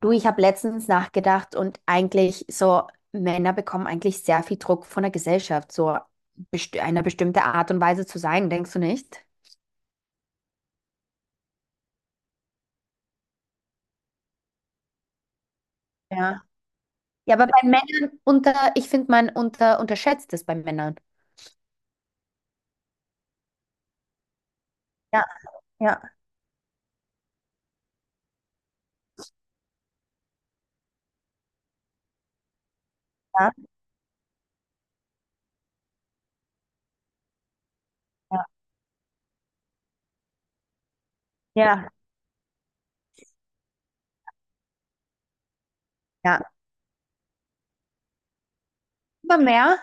Du, ich habe letztens nachgedacht und eigentlich so, Männer bekommen eigentlich sehr viel Druck von der Gesellschaft, so best einer bestimmte Art und Weise zu sein, denkst du nicht? Ja, ja, aber bei Männern ich finde, man unterschätzt es bei Männern. Ja, ja, ja, ja, ja. Ja. Aber mehr,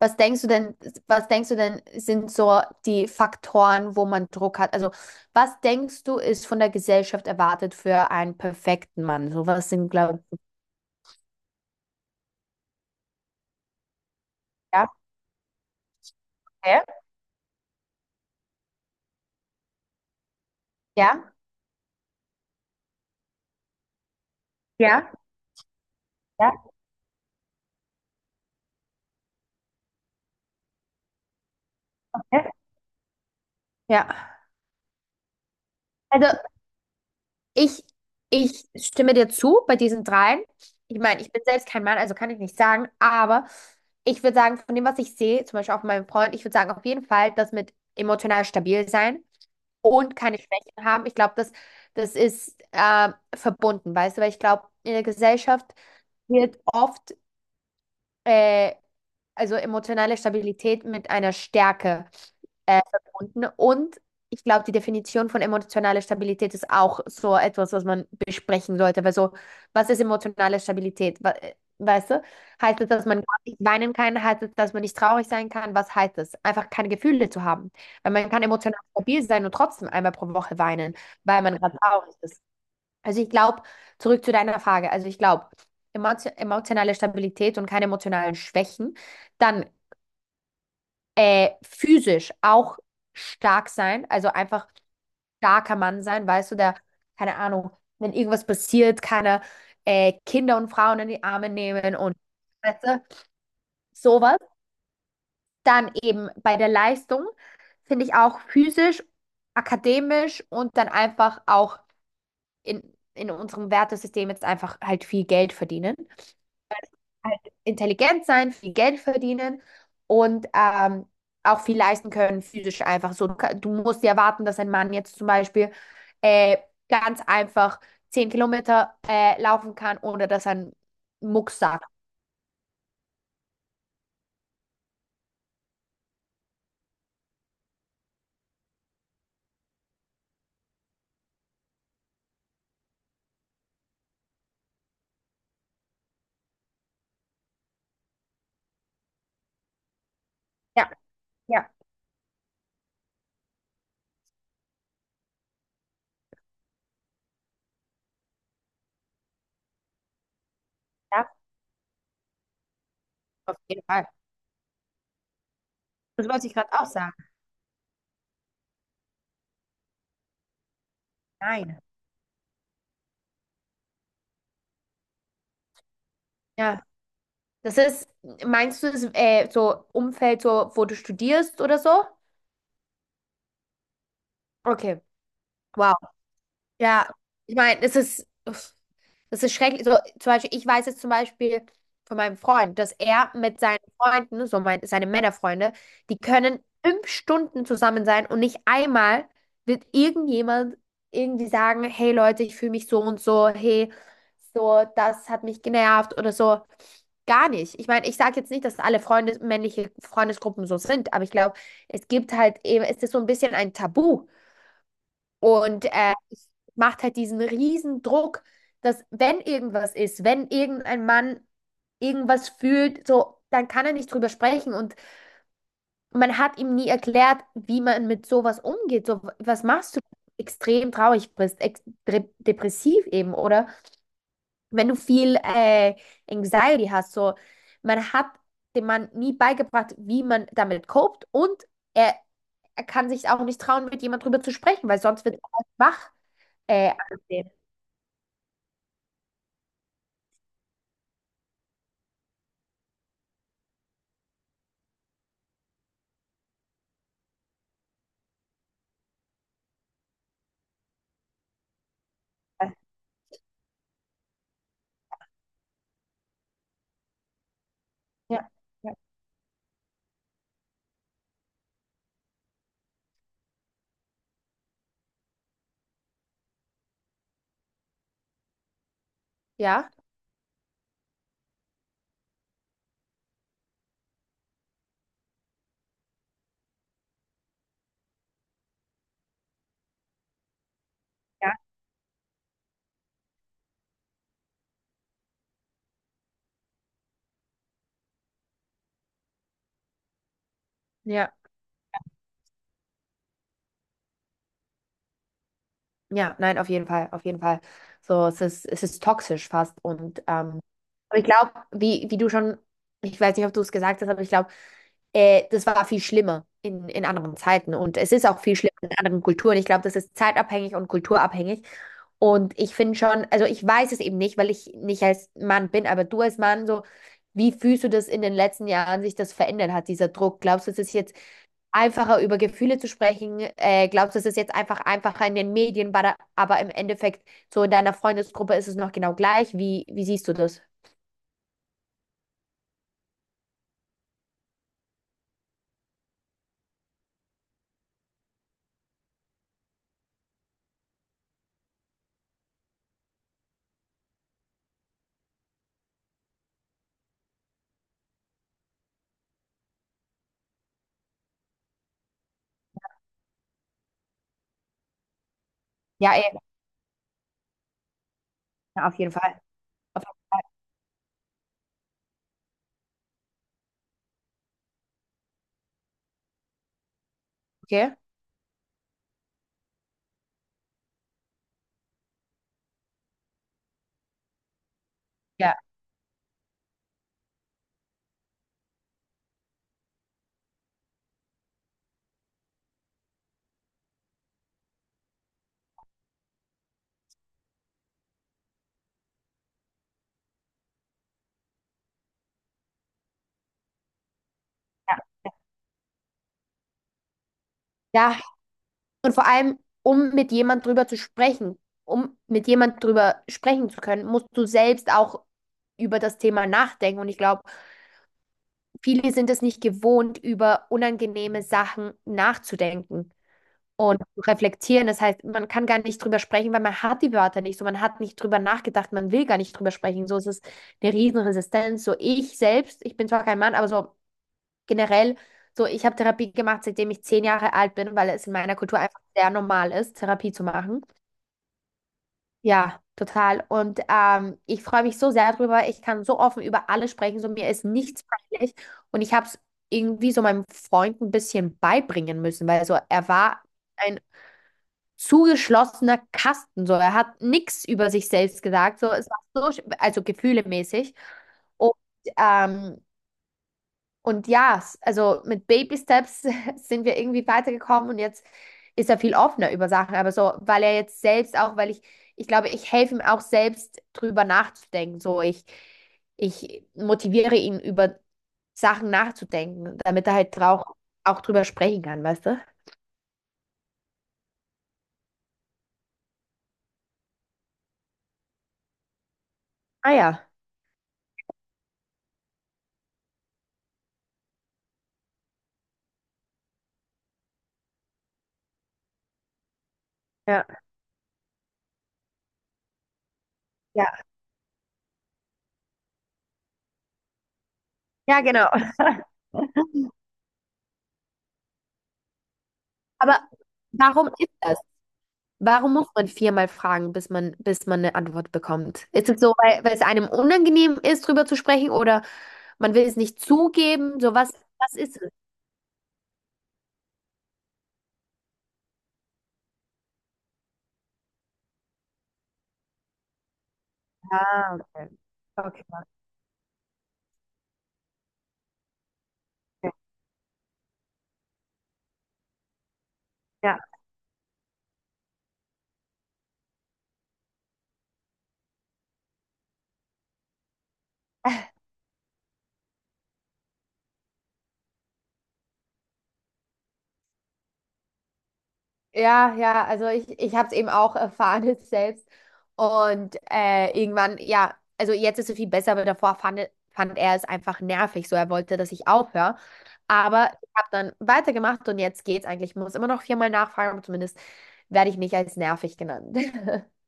was denkst du denn, was denkst du denn, sind so die Faktoren, wo man Druck hat? Also, was denkst du, ist von der Gesellschaft erwartet für einen perfekten Mann? So was sind, glaube ich. Ja, okay. Ja. Ja, ja. Ja. Ja. Also ich, ich stimme dir zu bei diesen dreien. Ich meine, ich bin selbst kein Mann, also kann ich nicht sagen, aber ich würde sagen, von dem, was ich sehe, zum Beispiel auch von meinem Freund, ich würde sagen, auf jeden Fall, das mit emotional stabil sein und keine Schwächen haben. Ich glaube, das ist verbunden, weißt du, weil ich glaube, in der Gesellschaft wird oft äh, also emotionale Stabilität mit einer Stärke verbunden. Und ich glaube, die Definition von emotionaler Stabilität ist auch so etwas, was man besprechen sollte. Weil so, was ist emotionale Stabilität? Weißt du? Heißt es, dass man nicht weinen kann? Heißt es, dass man nicht traurig sein kann? Was heißt es? Einfach keine Gefühle zu haben. Weil man kann emotional stabil sein und trotzdem einmal pro Woche weinen, weil man gerade traurig ist. Also ich glaube, zurück zu deiner Frage, also ich glaube, emotionale Stabilität und keine emotionalen Schwächen, dann physisch auch stark sein, also einfach starker Mann sein, weißt du, der, keine Ahnung, wenn irgendwas passiert, keine Kinder und Frauen in die Arme nehmen und weißt du, sowas. Dann eben bei der Leistung finde ich auch physisch, akademisch und dann einfach auch in, in unserem Wertesystem jetzt einfach halt viel Geld verdienen. Halt intelligent sein, viel Geld verdienen und auch viel leisten können, physisch einfach so. Du, du musst ja erwarten, dass ein Mann jetzt zum Beispiel äh, ganz einfach 10 Kilometer laufen kann, ohne dass er einen Mucks sagt. Ja, ja, ja, auf jeden Fall. Das wollte ich gerade auch sagen. Nein. Ja, das ist, meinst du, das, so Umfeld, so, wo du studierst oder so? Okay. Wow. Ja, ich meine, es ist, uff, es ist schrecklich. So, zum Beispiel, ich weiß jetzt zum Beispiel von meinem Freund, dass er mit seinen Freunden, so seine Männerfreunde, die können 5 Stunden zusammen sein und nicht einmal wird irgendjemand irgendwie sagen, hey Leute, ich fühle mich so und so, hey, so, das hat mich genervt oder so. Gar nicht. Ich meine, ich sage jetzt nicht, dass alle männliche Freundesgruppen so sind, aber ich glaube, es gibt halt eben, es ist so ein bisschen ein Tabu. Und es macht halt diesen riesen Druck, dass wenn irgendwas ist, wenn irgendein Mann irgendwas fühlt, so, dann kann er nicht drüber sprechen. Und man hat ihm nie erklärt, wie man mit sowas umgeht. So, was machst du, wenn du extrem traurig bist, depressiv eben, oder wenn du viel Anxiety hast, so, man hat dem Mann nie beigebracht, wie man damit copt und er, er kann sich auch nicht trauen, mit jemand drüber zu sprechen, weil sonst wird er als schwach angesehen. Ja, ja, ja, ja. Ja, ja, nein, auf jeden Fall, auf jeden Fall. So, es ist, toxisch fast. Und aber ich glaube, wie du schon, ich weiß nicht, ob du es gesagt hast, aber ich glaube, das war viel schlimmer in anderen Zeiten. Und es ist auch viel schlimmer in anderen Kulturen. Ich glaube, das ist zeitabhängig und kulturabhängig. Und ich finde schon, also ich weiß es eben nicht, weil ich nicht als Mann bin, aber du als Mann, so, wie fühlst du das in den letzten Jahren sich das verändert hat, dieser Druck? Glaubst du, es ist jetzt einfacher über Gefühle zu sprechen. Glaubst du, es ist jetzt einfach einfacher in den Medien, aber im Endeffekt so in deiner Freundesgruppe ist es noch genau gleich. Wie siehst du das? Ja, eh, ja, auf jeden Fall. Auf jeden Fall. Okay. Ja, ja. Ja, und vor allem, um mit jemand drüber zu sprechen, um mit jemand drüber sprechen zu können, musst du selbst auch über das Thema nachdenken. Und ich glaube, viele sind es nicht gewohnt, über unangenehme Sachen nachzudenken und zu reflektieren. Das heißt, man kann gar nicht drüber sprechen, weil man hat die Wörter nicht so, man hat nicht drüber nachgedacht, man will gar nicht drüber sprechen. So ist es eine Riesenresistenz. So ich selbst, ich bin zwar kein Mann, aber so generell, so ich habe Therapie gemacht, seitdem ich 10 Jahre alt bin, weil es in meiner Kultur einfach sehr normal ist, Therapie zu machen. Ja, total. Und ich freue mich so sehr drüber. Ich kann so offen über alles sprechen. So mir ist nichts peinlich. Und ich habe es irgendwie so meinem Freund ein bisschen beibringen müssen, weil so er war ein zugeschlossener Kasten. So, er hat nichts über sich selbst gesagt. So, es war so, also gefühlemäßig. Und, ähm, und ja, also mit Baby Steps sind wir irgendwie weitergekommen und jetzt ist er viel offener über Sachen. Aber so, weil er jetzt selbst auch, weil ich glaube, ich helfe ihm auch selbst drüber nachzudenken. So, ich motiviere ihn über Sachen nachzudenken, damit er halt auch, drüber sprechen kann, weißt du? Ah ja. Ja. Ja, ja, genau. Aber warum ist das? Warum muss man viermal fragen, bis man, eine Antwort bekommt? Ist es so, weil es einem unangenehm ist, drüber zu sprechen oder man will es nicht zugeben? So was ist es? Ah, okay. Okay. Okay. Ja. Ja, ja, also ich habe es eben auch erfahren jetzt selbst. Und irgendwann, ja, also jetzt ist es viel besser, aber davor fand er es einfach nervig. So, er wollte, dass ich aufhöre. Aber ich habe dann weitergemacht und jetzt geht's eigentlich. Ich muss immer noch viermal nachfragen, aber zumindest werde ich nicht als nervig genannt.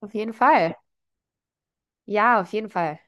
Auf jeden Fall. Ja, auf jeden Fall.